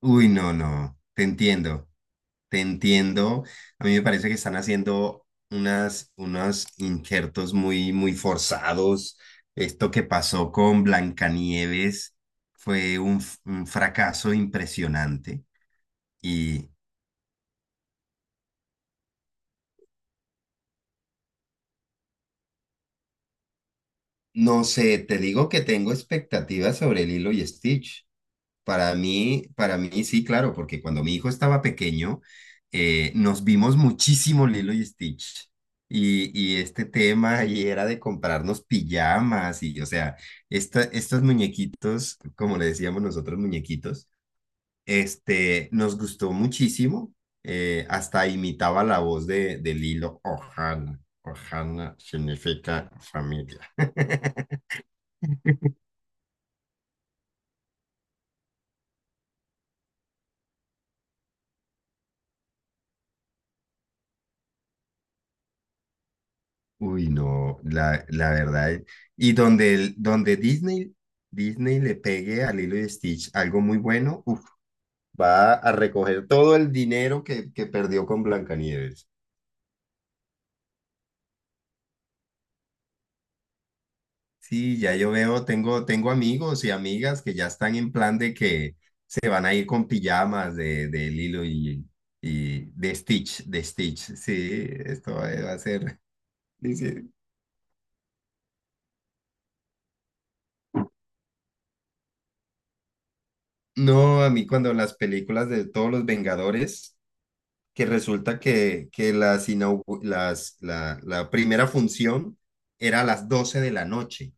Uy, no, no, te entiendo, te entiendo. A mí me parece que están haciendo unos injertos muy forzados. Esto que pasó con Blancanieves fue un fracaso impresionante. Y no sé, te digo que tengo expectativas sobre Lilo y Stitch. Para mí sí, claro, porque cuando mi hijo estaba pequeño, nos vimos muchísimo Lilo y Stitch. Y este tema y era de comprarnos pijamas y, o sea, estos muñequitos, como le decíamos nosotros, muñequitos, nos gustó muchísimo. Hasta imitaba la voz de Lilo. Ohana. Ohana significa familia. Uy, no, la verdad. Y donde, donde Disney le pegue a Lilo y Stitch algo muy bueno, uf, va a recoger todo el dinero que perdió con Blancanieves. Sí, ya yo veo, tengo amigos y amigas que ya están en plan de que se van a ir con pijamas de Lilo y de de Stitch. Sí, esto va a ser. Dice, no, a mí cuando las películas de todos los Vengadores. Que resulta que las inaugu- las, la primera función era a las 12 de la noche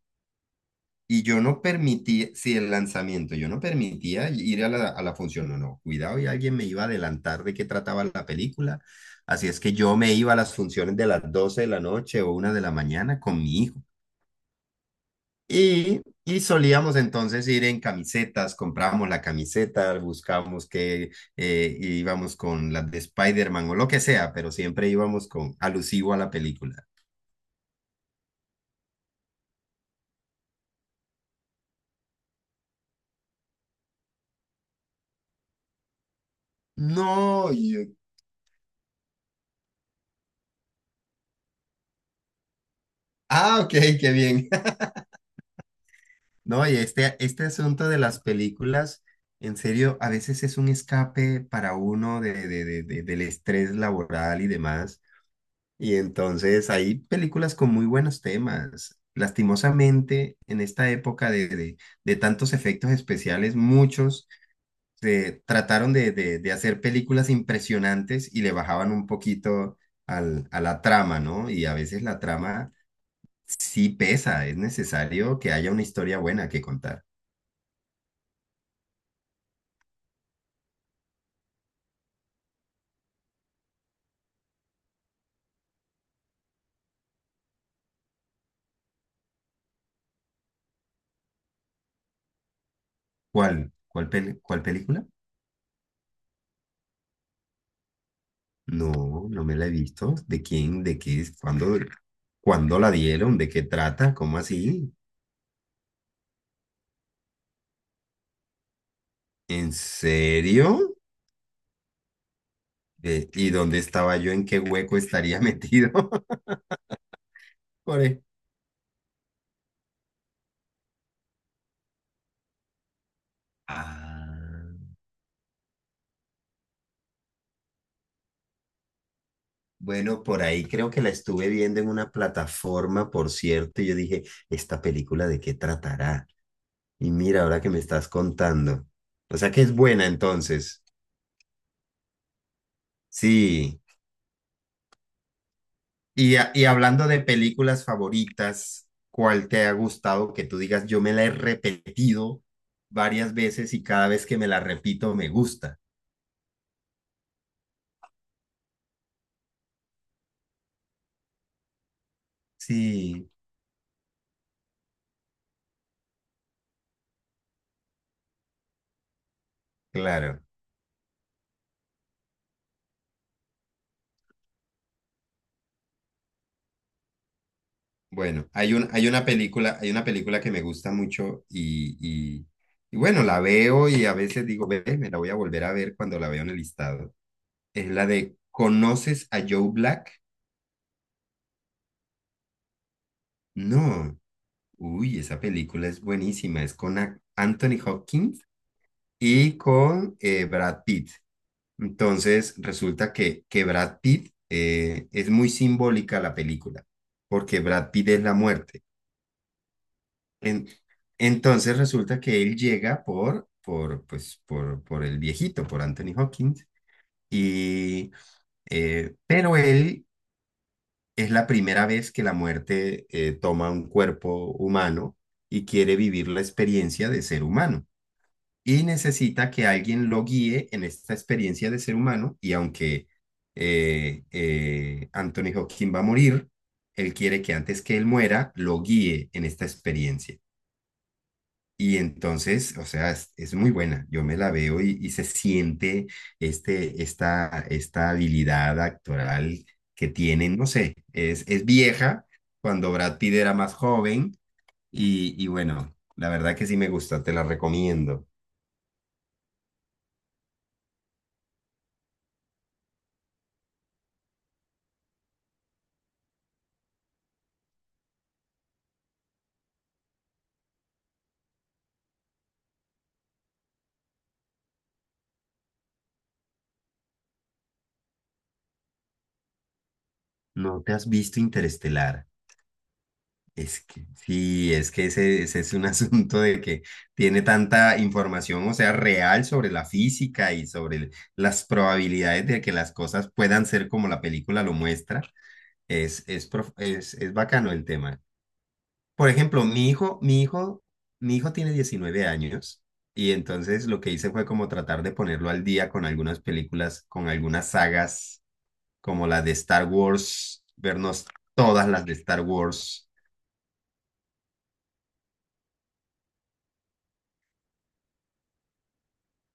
y yo no permitía, si el lanzamiento, yo no permitía ir a a la función, no, no, cuidado y alguien me iba a adelantar de qué trataba la película, así es que yo me iba a las funciones de las 12 de la noche o 1 de la mañana con mi hijo. Y solíamos entonces ir en camisetas, comprábamos la camiseta, buscábamos que íbamos con las de Spider-Man o lo que sea, pero siempre íbamos con alusivo a la película. No, y- ah, ok, qué bien. No, y este asunto de las películas, en serio, a veces es un escape para uno del estrés laboral y demás. Y entonces hay películas con muy buenos temas. Lastimosamente, en esta época de tantos efectos especiales, muchos se trataron de hacer películas impresionantes y le bajaban un poquito a la trama, ¿no? Y a veces la trama sí pesa, es necesario que haya una historia buena que contar. ¿Cuál? Cuál película? No, no me la he visto. ¿De quién? ¿De qué es? ¿Cuándo, cuándo la dieron? ¿De qué trata? ¿Cómo así? ¿En serio? ¿Y dónde estaba yo? ¿En qué hueco estaría metido? Por ahí. Ah, bueno, por ahí creo que la estuve viendo en una plataforma, por cierto, y yo dije, ¿esta película de qué tratará? Y mira, ahora que me estás contando. O sea que es buena entonces. Sí. Y hablando de películas favoritas, ¿cuál te ha gustado que tú digas, yo me la he repetido varias veces y cada vez que me la repito me gusta? Sí. Claro. Bueno, hay una película que me gusta mucho y, y bueno, la veo y a veces digo, ve, me la voy a volver a ver cuando la veo en el listado. Es la de ¿Conoces a Joe Black? No. Uy, esa película es buenísima. Es con Anthony Hopkins y con Brad Pitt. Entonces, resulta que Brad Pitt es muy simbólica la película, porque Brad Pitt es la muerte. En- entonces resulta que él llega por el viejito, por Anthony Hopkins, y, pero él es la primera vez que la muerte toma un cuerpo humano y quiere vivir la experiencia de ser humano. Y necesita que alguien lo guíe en esta experiencia de ser humano, y aunque Anthony Hopkins va a morir, él quiere que antes que él muera, lo guíe en esta experiencia. Y entonces, o sea, es muy buena. Yo me la veo y se siente esta habilidad actoral que tienen. No sé, es vieja cuando Brad Pitt era más joven. Y bueno, la verdad que sí me gusta, te la recomiendo. ¿No te has visto Interestelar? Es que, sí, es que ese es un asunto de que tiene tanta información, o sea, real sobre la física y sobre las probabilidades de que las cosas puedan ser como la película lo muestra. Es bacano el tema. Por ejemplo, mi hijo tiene 19 años y entonces lo que hice fue como tratar de ponerlo al día con algunas películas, con algunas sagas, como la de Star Wars, vernos todas las de Star Wars.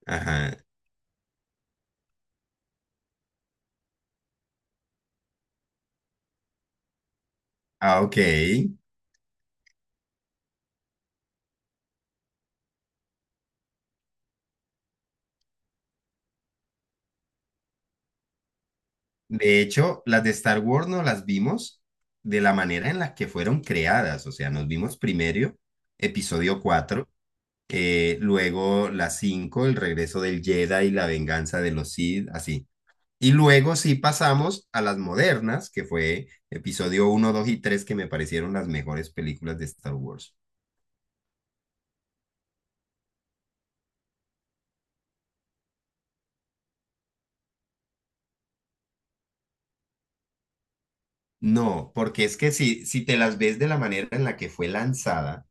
Ajá, ah, ok. De hecho, las de Star Wars no las vimos de la manera en la que fueron creadas. O sea, nos vimos primero episodio 4, luego la 5, el regreso del Jedi y la venganza de los Sith, así. Y luego sí pasamos a las modernas, que fue episodio uno, 2 y 3 que me parecieron las mejores películas de Star Wars. No, porque es que si te las ves de la manera en la que fue lanzada,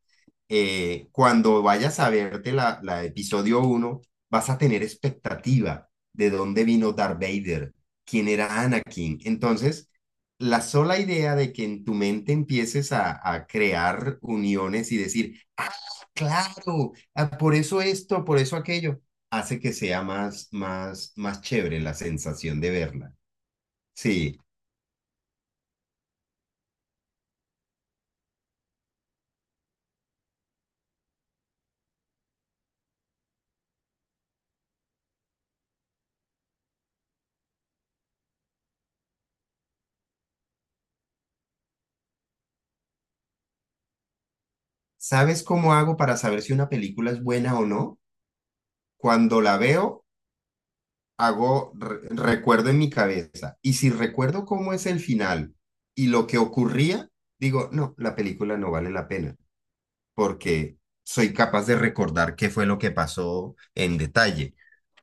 cuando vayas a verte la episodio uno vas a tener expectativa de dónde vino Darth Vader, quién era Anakin. Entonces, la sola idea de que en tu mente empieces a crear uniones y decir, ah, claro, ah, por eso esto, por eso aquello, hace que sea más chévere la sensación de verla. Sí. ¿Sabes cómo hago para saber si una película es buena o no? Cuando la veo, hago, recuerdo en mi cabeza. Y si recuerdo cómo es el final y lo que ocurría, digo, no, la película no vale la pena, porque soy capaz de recordar qué fue lo que pasó en detalle.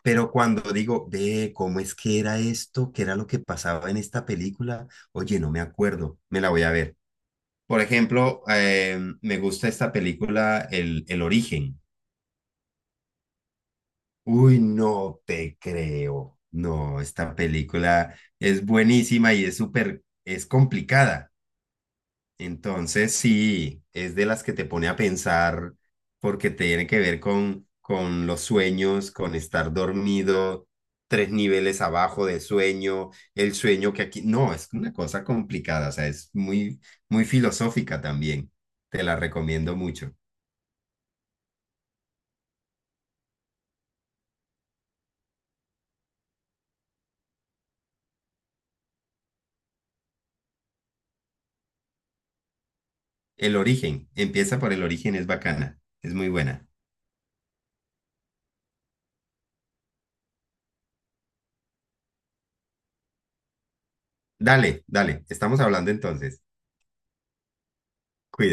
Pero cuando digo, ve, ¿cómo es que era esto? ¿Qué era lo que pasaba en esta película? Oye, no me acuerdo, me la voy a ver. Por ejemplo, me gusta esta película, El Origen. Uy, no te creo. No, esta película es buenísima y es súper, es complicada. Entonces, sí, es de las que te pone a pensar porque tiene que ver con los sueños, con estar dormido, tres niveles abajo de sueño, el sueño que aquí... No, es una cosa complicada, o sea, es muy, muy filosófica también. Te la recomiendo mucho. El origen, empieza por el origen, es bacana, es muy buena. Dale, dale, estamos hablando entonces. Cuídate.